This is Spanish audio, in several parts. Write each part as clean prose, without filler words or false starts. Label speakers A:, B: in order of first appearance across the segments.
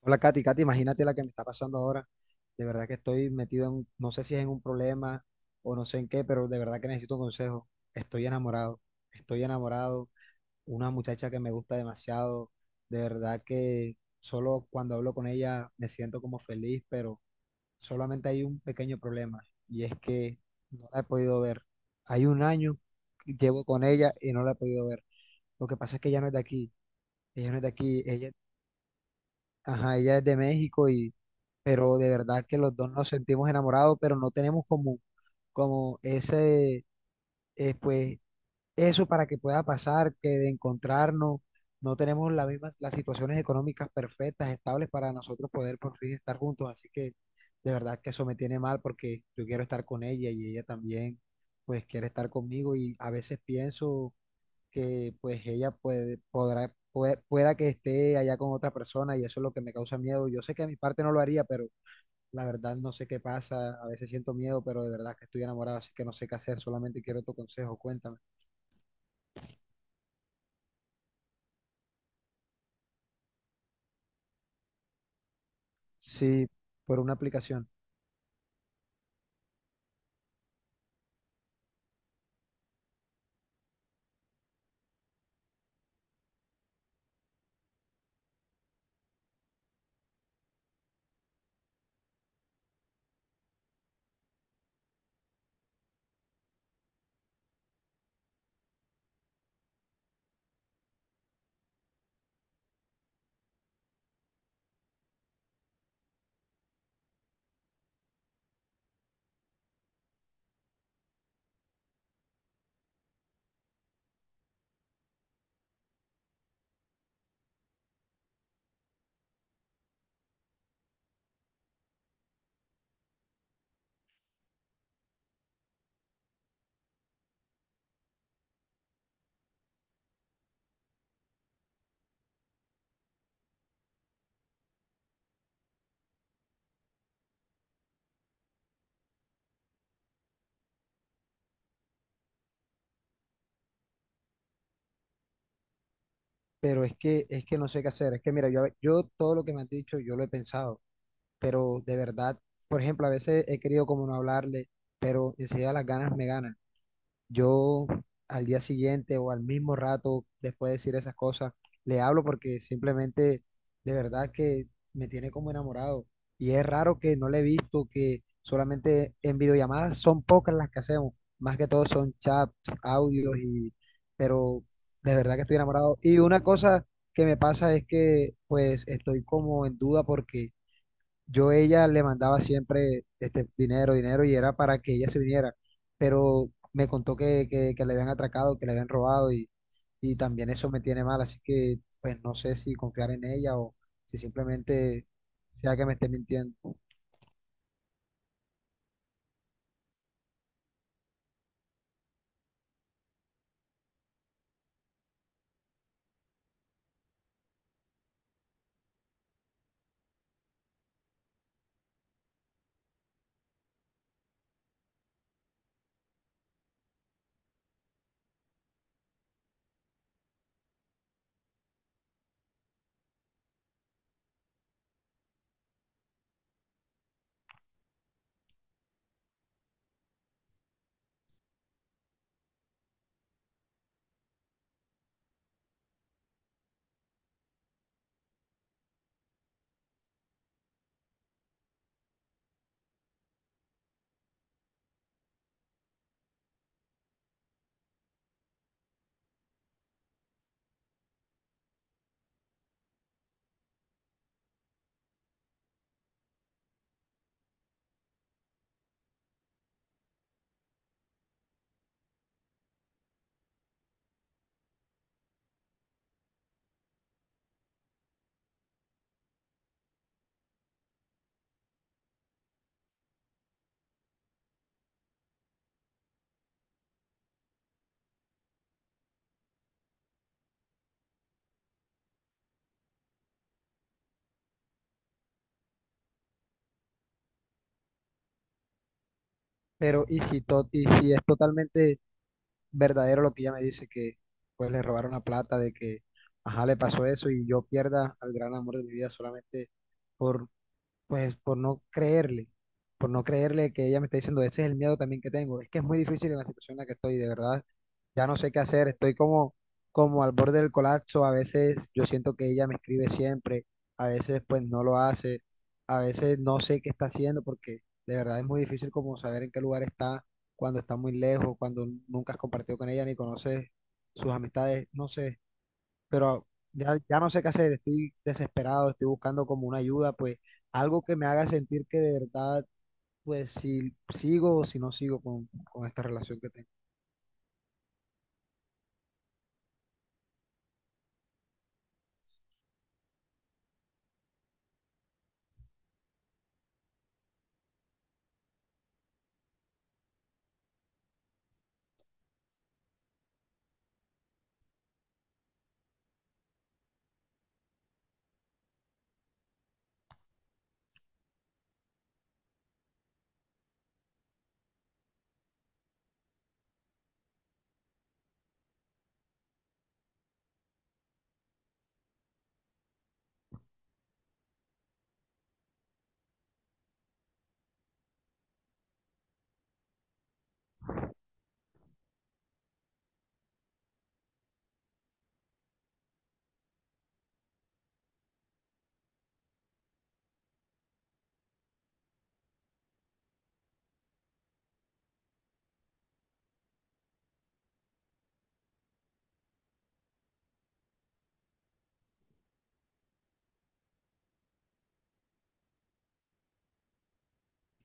A: Hola, Katy. Katy, imagínate la que me está pasando ahora. De verdad que estoy metido en, no sé si es en un problema o no sé en qué, pero de verdad que necesito un consejo. Estoy enamorado, estoy enamorado. Una muchacha que me gusta demasiado. De verdad que solo cuando hablo con ella me siento como feliz, pero solamente hay un pequeño problema y es que no la he podido ver. Hay un año que llevo con ella y no la he podido ver. Lo que pasa es que ella no es de aquí. Ella no es de aquí. Ella ajá, ella es de México y, pero de verdad que los dos nos sentimos enamorados, pero no tenemos como, como ese, pues, eso para que pueda pasar, que de encontrarnos, no tenemos la misma, las situaciones económicas perfectas, estables para nosotros poder por fin estar juntos, así que de verdad que eso me tiene mal porque yo quiero estar con ella y ella también, pues, quiere estar conmigo y a veces pienso que pues ella puede, podrá, pueda que esté allá con otra persona y eso es lo que me causa miedo. Yo sé que a mi parte no lo haría, pero la verdad no sé qué pasa. A veces siento miedo, pero de verdad que estoy enamorado, así que no sé qué hacer. Solamente quiero tu consejo, cuéntame. Sí, por una aplicación. Pero es que no sé qué hacer. Es que mira, yo todo lo que me has dicho, yo lo he pensado, pero de verdad, por ejemplo, a veces he querido como no hablarle, pero enseguida las ganas me ganan. Yo al día siguiente o al mismo rato, después de decir esas cosas, le hablo porque simplemente de verdad que me tiene como enamorado. Y es raro que no le he visto, que solamente en videollamadas son pocas las que hacemos. Más que todo son chats, audios y... Pero de verdad que estoy enamorado. Y una cosa que me pasa es que pues estoy como en duda porque yo a ella le mandaba siempre este dinero, dinero y era para que ella se viniera, pero me contó que le habían atracado, que le habían robado y también eso me tiene mal, así que pues no sé si confiar en ella o si simplemente sea que me esté mintiendo. Pero y si, y si es totalmente verdadero lo que ella me dice, que pues le robaron la plata, de que, ajá, le pasó eso y yo pierda al gran amor de mi vida solamente pues por no creerle que ella me está diciendo, ese es el miedo también que tengo. Es que es muy difícil en la situación en la que estoy, de verdad. Ya no sé qué hacer, estoy como, como al borde del colapso. A veces yo siento que ella me escribe siempre, a veces pues no lo hace, a veces no sé qué está haciendo porque de verdad es muy difícil como saber en qué lugar está cuando está muy lejos, cuando nunca has compartido con ella ni conoces sus amistades, no sé pero ya no sé qué hacer, estoy desesperado, estoy buscando como una ayuda, pues algo que me haga sentir que de verdad, pues si sigo o si no sigo con esta relación que tengo.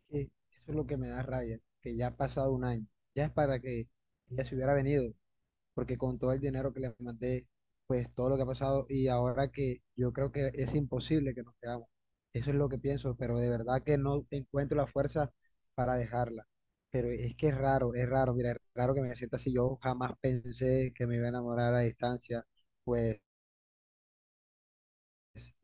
A: Que eso es lo que me da rabia, que ya ha pasado un año, ya es para que ella se hubiera venido, porque con todo el dinero que les mandé, pues todo lo que ha pasado y ahora que yo creo que es imposible que nos quedamos. Eso es lo que pienso, pero de verdad que no encuentro la fuerza para dejarla. Pero es que es raro, mira, es raro que me sienta así. Yo jamás pensé que me iba a enamorar a distancia, pues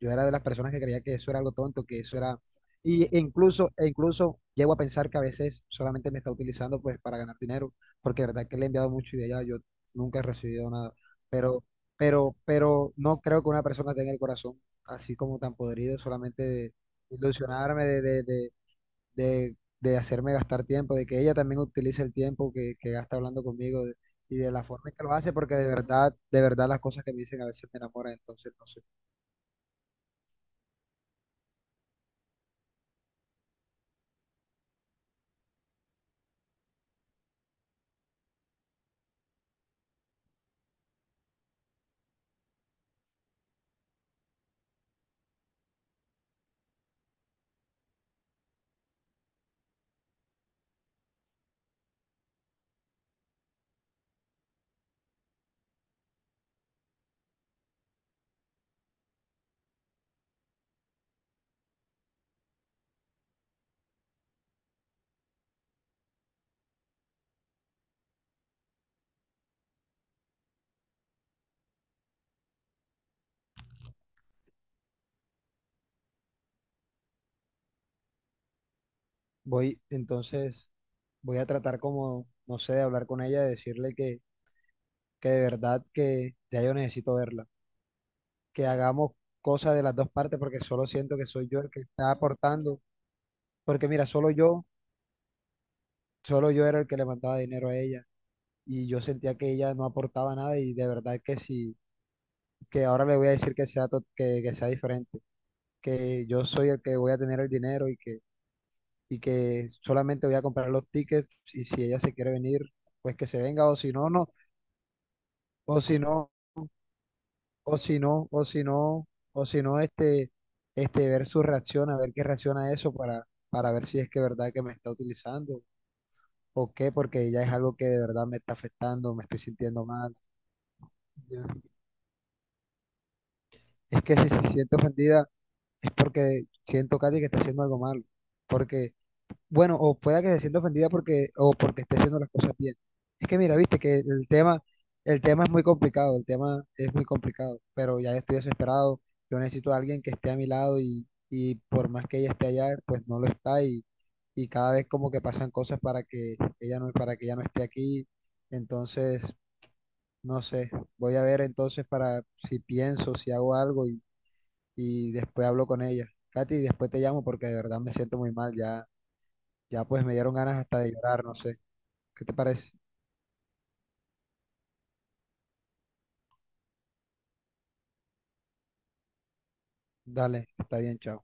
A: yo era de las personas que creía que eso era algo tonto, que eso era... Y e incluso llego a pensar que a veces solamente me está utilizando pues para ganar dinero, porque de verdad que le he enviado mucho y de allá yo nunca he recibido nada. Pero, pero no creo que una persona tenga el corazón así como tan podrido, solamente de ilusionarme, de hacerme gastar tiempo, de que ella también utilice el tiempo que gasta hablando conmigo de- y de la forma en que lo hace, porque de verdad las cosas que me dicen a veces me enamoran, entonces no sé. Voy, entonces, voy a tratar como, no sé, de hablar con ella, de decirle que de verdad que ya yo necesito verla, que hagamos cosas de las dos partes porque solo siento que soy yo el que está aportando, porque mira, solo yo era el que le mandaba dinero a ella y yo sentía que ella no aportaba nada y de verdad que sí, que ahora le voy a decir que sea, que sea diferente, que yo soy el que voy a tener el dinero y que solamente voy a comprar los tickets y si ella se quiere venir, pues que se venga o si no, no. O si no, o si no, o si no, o si no, este, ver su reacción, a ver qué reacciona a eso para ver si es que verdad que me está utilizando o qué, porque ya es algo que de verdad me está afectando, me estoy sintiendo mal. Ya. Es que si se siente ofendida es porque siento, Katy, que está haciendo algo malo, porque bueno, o pueda que se sienta ofendida porque, o porque esté haciendo las cosas bien. Es que mira, viste que el tema es muy complicado, el tema es muy complicado, pero ya estoy desesperado, yo necesito a alguien que esté a mi lado y por más que ella esté allá, pues no lo está y cada vez como que pasan cosas para que ella no, para que ella no esté aquí, entonces, no sé, voy a ver entonces para si pienso, si hago algo y después hablo con ella. Katy, después te llamo porque de verdad me siento muy mal ya ya pues me dieron ganas hasta de llorar, no sé. ¿Qué te parece? Dale, está bien, chao.